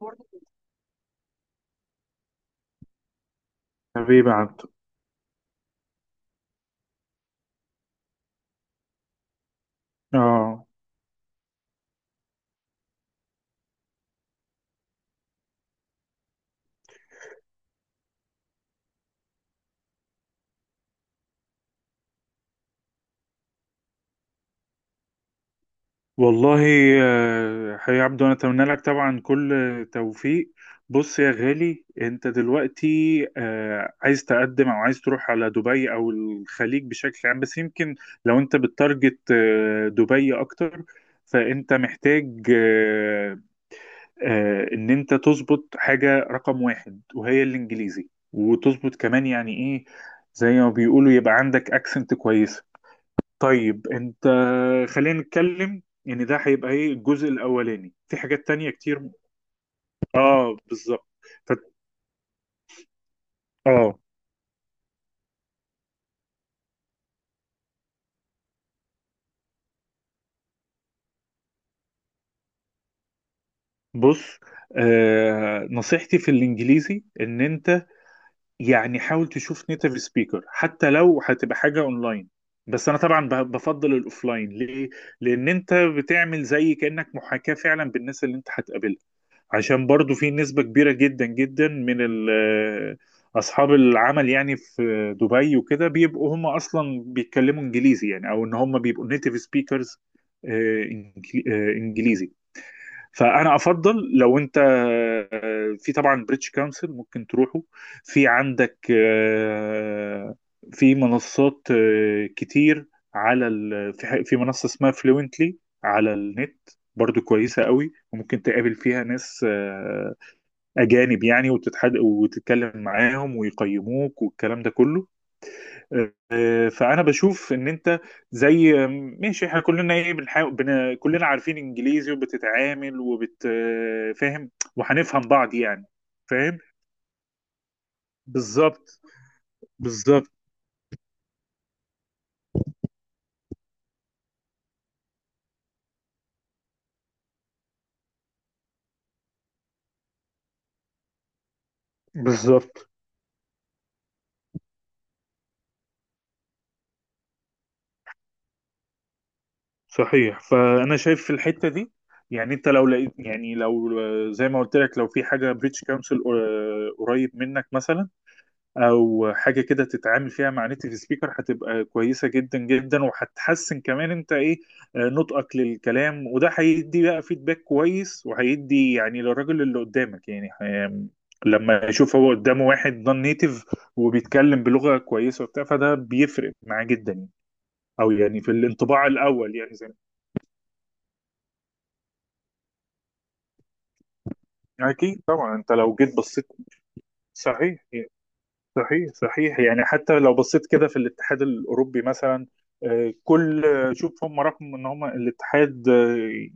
برضه. حبيبي عبده. اه والله. حبيبي عبده، انا اتمنى لك طبعا كل توفيق. بص يا غالي، انت دلوقتي عايز تقدم او عايز تروح على دبي او الخليج بشكل عام، بس يمكن لو انت بتارجت دبي اكتر، فانت محتاج ان انت تظبط حاجة رقم واحد وهي الانجليزي، وتظبط كمان يعني ايه زي ما بيقولوا يبقى عندك اكسنت كويسة. طيب انت خلينا نتكلم، يعني ده هيبقى ايه الجزء الاولاني، في حاجات تانية كتير. اه بالظبط. ف... اه بص، نصيحتي في الانجليزي ان انت يعني حاول تشوف نيتيف سبيكر، حتى لو هتبقى حاجة اونلاين، بس انا طبعا بفضل الاوفلاين. ليه؟ لان انت بتعمل زي كأنك محاكاة فعلا بالناس اللي انت هتقابلها، عشان برضو في نسبة كبيرة جدا جدا أصحاب العمل، يعني في دبي وكده بيبقوا هم أصلا بيتكلموا إنجليزي، يعني أو إن هم بيبقوا نيتيف سبيكرز إنجليزي. فانا افضل لو انت في طبعا بريتش كونسل ممكن تروحه، في عندك في منصات كتير، على ال... في ح- في منصة اسمها فلوينتلي على النت، برضو كويسة قوي، وممكن تقابل فيها ناس أجانب، يعني وتتحد وتتكلم معاهم ويقيموك والكلام ده كله. فانا بشوف ان انت زي ماشي، احنا كلنا ايه بنحاول كلنا عارفين انجليزي وبتتعامل وبتفهم وهنفهم بعض يعني. فاهم. بالظبط، بالظبط، بالظبط. صحيح، فانا شايف في الحته دي، يعني انت لو لقيت، يعني لو زي ما قلت لك لو في حاجه بريتش كونسل قريب منك مثلا، او حاجه كده تتعامل فيها مع نيتيف سبيكر، هتبقى كويسه جدا جدا، وهتحسن كمان انت ايه نطقك للكلام، وده هيدي بقى فيدباك كويس، وهيدي يعني للراجل اللي قدامك يعني، لما يشوف هو قدامه واحد نون نيتيف وبيتكلم بلغه كويسه وبتاع، فده بيفرق معاه جدا يعني. او يعني في الانطباع الاول يعني زي ما اكيد طبعا انت لو جيت بصيت. صحيح يعني. صحيح، صحيح، يعني حتى لو بصيت كده في الاتحاد الأوروبي مثلا كل شوف هم رغم ان هم الاتحاد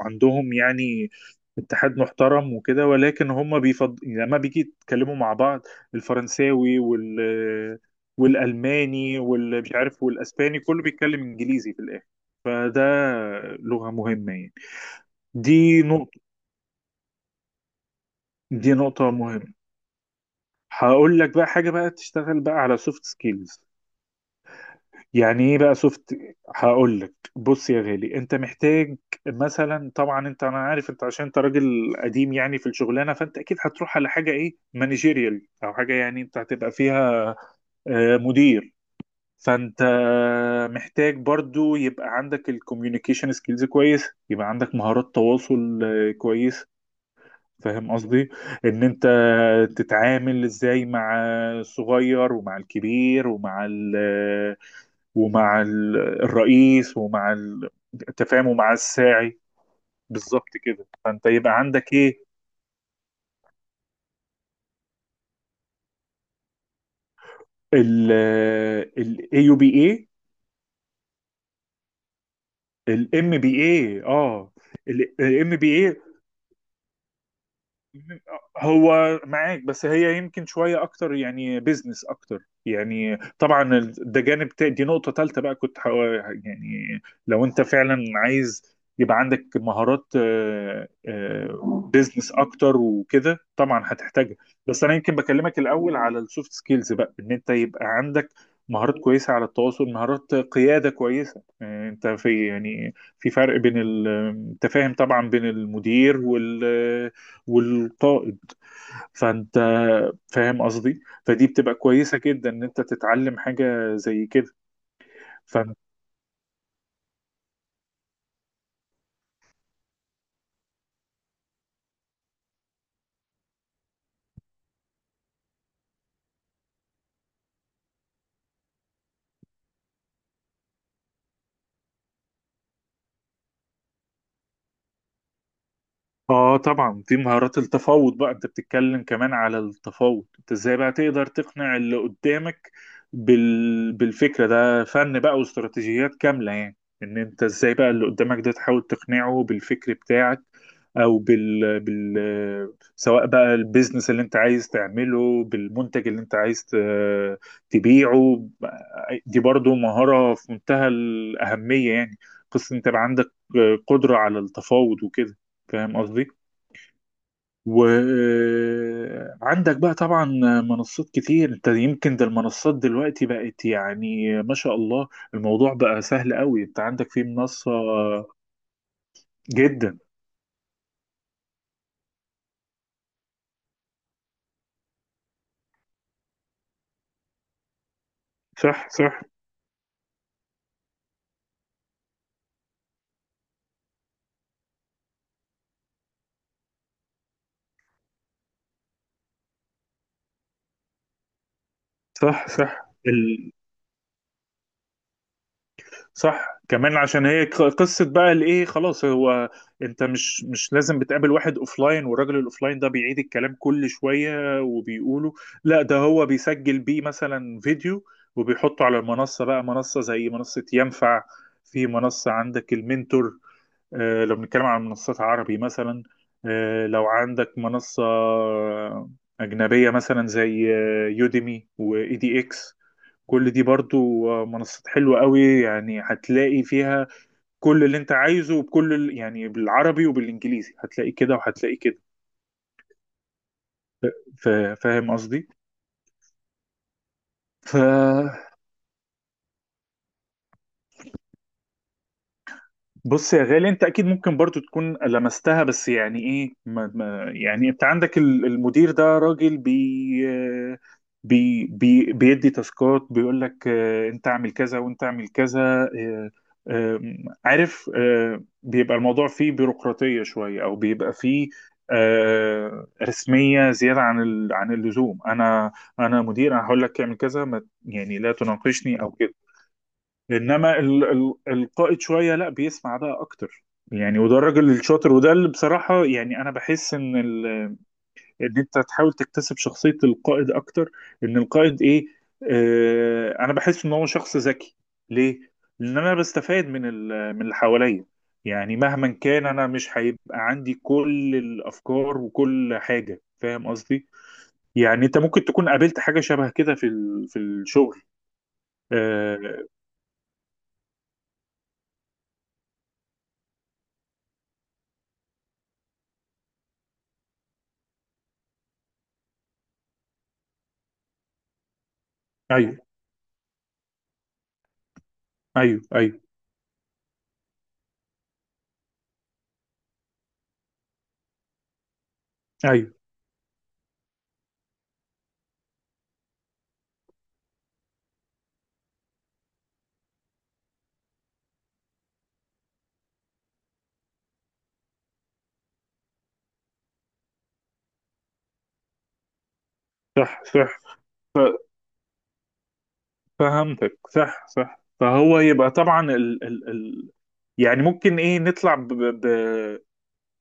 عندهم يعني اتحاد محترم وكده، ولكن هم بيفض لما بيجي يتكلموا مع بعض الفرنساوي والألماني واللي مش عارف والأسباني كله بيتكلم إنجليزي في الآخر، فده لغة مهمة يعني. دي نقطة. دي نقطة مهمة. هقول لك بقى حاجة، بقى تشتغل بقى على سوفت سكيلز. يعني ايه بقى سوفت؟ هقول لك، بص يا غالي انت محتاج، مثلا طبعا انت، انا عارف انت عشان انت راجل قديم يعني في الشغلانه، فانت اكيد هتروح على حاجه ايه مانجيريال، او حاجه يعني انت هتبقى فيها مدير. فانت محتاج برضو يبقى عندك الكوميونيكيشن سكيلز كويس، يبقى عندك مهارات تواصل كويس. فاهم قصدي؟ ان انت تتعامل ازاي مع الصغير، ومع الكبير، ومع ال ومع ال- الرئيس، التفاهم، ومع الساعي، بالظبط كده، فانت يبقى عندك ايه ال ال AUBA، ال MBA، اه، ال MBA هو معاك، بس هي يمكن شوية أكتر يعني بيزنس أكتر. يعني طبعا ده دي نقطة تالتة بقى كنت يعني لو أنت فعلا عايز يبقى عندك مهارات بيزنس أكتر وكده طبعا هتحتاجها. بس أنا يمكن بكلمك الأول على السوفت سكيلز بقى، إن أنت يبقى عندك مهارات كويسة على التواصل، مهارات قيادة كويسة، أنت في يعني في فرق بين التفاهم طبعا، بين المدير والقائد. فانت فاهم قصدي، فدي بتبقى كويسة جدا ان انت تتعلم حاجة زي كده. اه طبعا، دي مهارات التفاوض بقى، انت بتتكلم كمان على التفاوض، انت ازاي بقى تقدر تقنع اللي قدامك بالفكرة. ده فن بقى واستراتيجيات كاملة يعني، ان انت ازاي بقى اللي قدامك ده تحاول تقنعه بالفكر بتاعك، او سواء بقى البيزنس اللي انت عايز تعمله، بالمنتج اللي انت عايز تبيعه. دي برضو مهارة في منتهى الأهمية يعني، قصة انت بقى عندك قدرة على التفاوض وكده. فاهم قصدي؟ وعندك بقى طبعا منصات كتير انت، يمكن ده المنصات دلوقتي بقت يعني ما شاء الله، الموضوع بقى سهل قوي. انت عندك في منصة جدا. صح، صح، صح، صح. صح كمان، عشان هي قصة بقى الايه خلاص، هو انت مش لازم بتقابل واحد اوفلاين والراجل الاوفلاين ده بيعيد الكلام كل شوية وبيقوله، لا ده هو بيسجل بيه مثلا فيديو وبيحطه على المنصة بقى، منصة زي منصة ينفع، في منصة عندك المنتور، آه لو بنتكلم عن منصات عربي مثلا. آه لو عندك منصة أجنبية مثلا زي يوديمي وإي دي إكس، كل دي برضو منصات حلوة قوي، يعني هتلاقي فيها كل اللي انت عايزه، يعني بالعربي وبالانجليزي، هتلاقي كده وهتلاقي كده. فاهم قصدي. ف... بص يا غالي، انت اكيد ممكن برضو تكون لمستها، بس يعني ايه ما يعني انت عندك المدير ده راجل بي بي بي بيدي تاسكات، بيقول لك انت اعمل كذا وانت اعمل كذا، اه، ام، عارف، بيبقى الموضوع فيه بيروقراطية شوية، او بيبقى فيه اه، رسمية زيادة عن اللزوم. انا مدير، انا هقول لك اعمل كذا، ما يعني لا تناقشني او كده. انما ال القائد شويه لا، بيسمع بقى اكتر يعني، وده الراجل الشاطر، وده اللي بصراحه يعني انا بحس ان ال، ان انت تحاول تكتسب شخصيه القائد اكتر. ان القائد ايه؟ آه انا بحس ان هو شخص ذكي. ليه؟ لان انا بستفاد من اللي حواليا، يعني مهما كان انا مش هيبقى عندي كل الافكار وكل حاجه. فاهم قصدي؟ يعني انت ممكن تكون قابلت حاجه شبه كده في الشغل. آه. ايوه، ايوه، ايوه، ايوه. صح صح فهمتك. صح، صح. فهو يبقى طبعا ال يعني ممكن ايه نطلع ب ب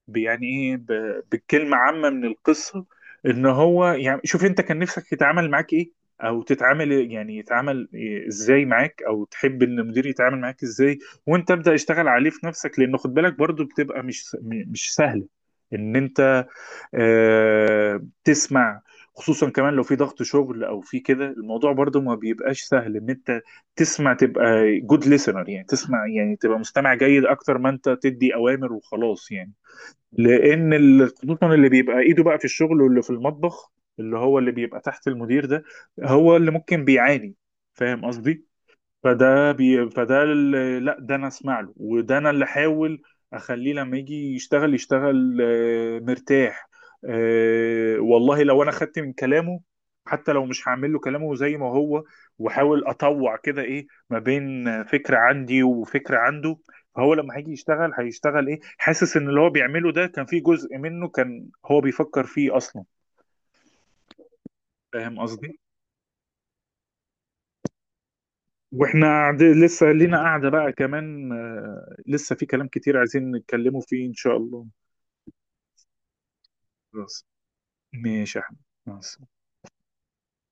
ب- يعني ايه ب بكلمة عامة من القصة، ان هو يعني شوف انت كان نفسك يتعامل معاك ايه، او تتعامل يعني يتعامل إيه ازاي معاك، او تحب ان المدير يتعامل معاك ازاي. وانت ابدأ اشتغل عليه في نفسك، لانه خد بالك برضو بتبقى مش مش سهلة ان انت تسمع. خصوصا كمان لو في ضغط شغل، او في كده الموضوع برضو ما بيبقاش سهل ان انت تسمع، تبقى جود listener يعني، تسمع يعني تبقى مستمع جيد اكتر ما انت تدي اوامر وخلاص يعني. لان خصوصا اللي بيبقى ايده بقى في الشغل واللي في المطبخ، اللي هو اللي بيبقى تحت المدير ده، هو اللي ممكن بيعاني. فاهم قصدي؟ فده فده لا، ده انا اسمع له، وده انا اللي احاول اخليه لما يجي يشتغل، يشتغل مرتاح. والله لو انا خدت من كلامه، حتى لو مش هعمل له كلامه زي ما هو، واحاول اطوع كده ايه ما بين فكرة عندي وفكرة عنده، فهو لما هيجي يشتغل هيشتغل ايه حاسس ان اللي هو بيعمله ده كان فيه جزء منه كان هو بيفكر فيه اصلا. فاهم قصدي؟ واحنا قاعد لسه لينا قاعدة بقى كمان، لسه في كلام كتير عايزين نتكلموا فيه ان شاء الله. خلاص. ماشي يا احمد. خلاص.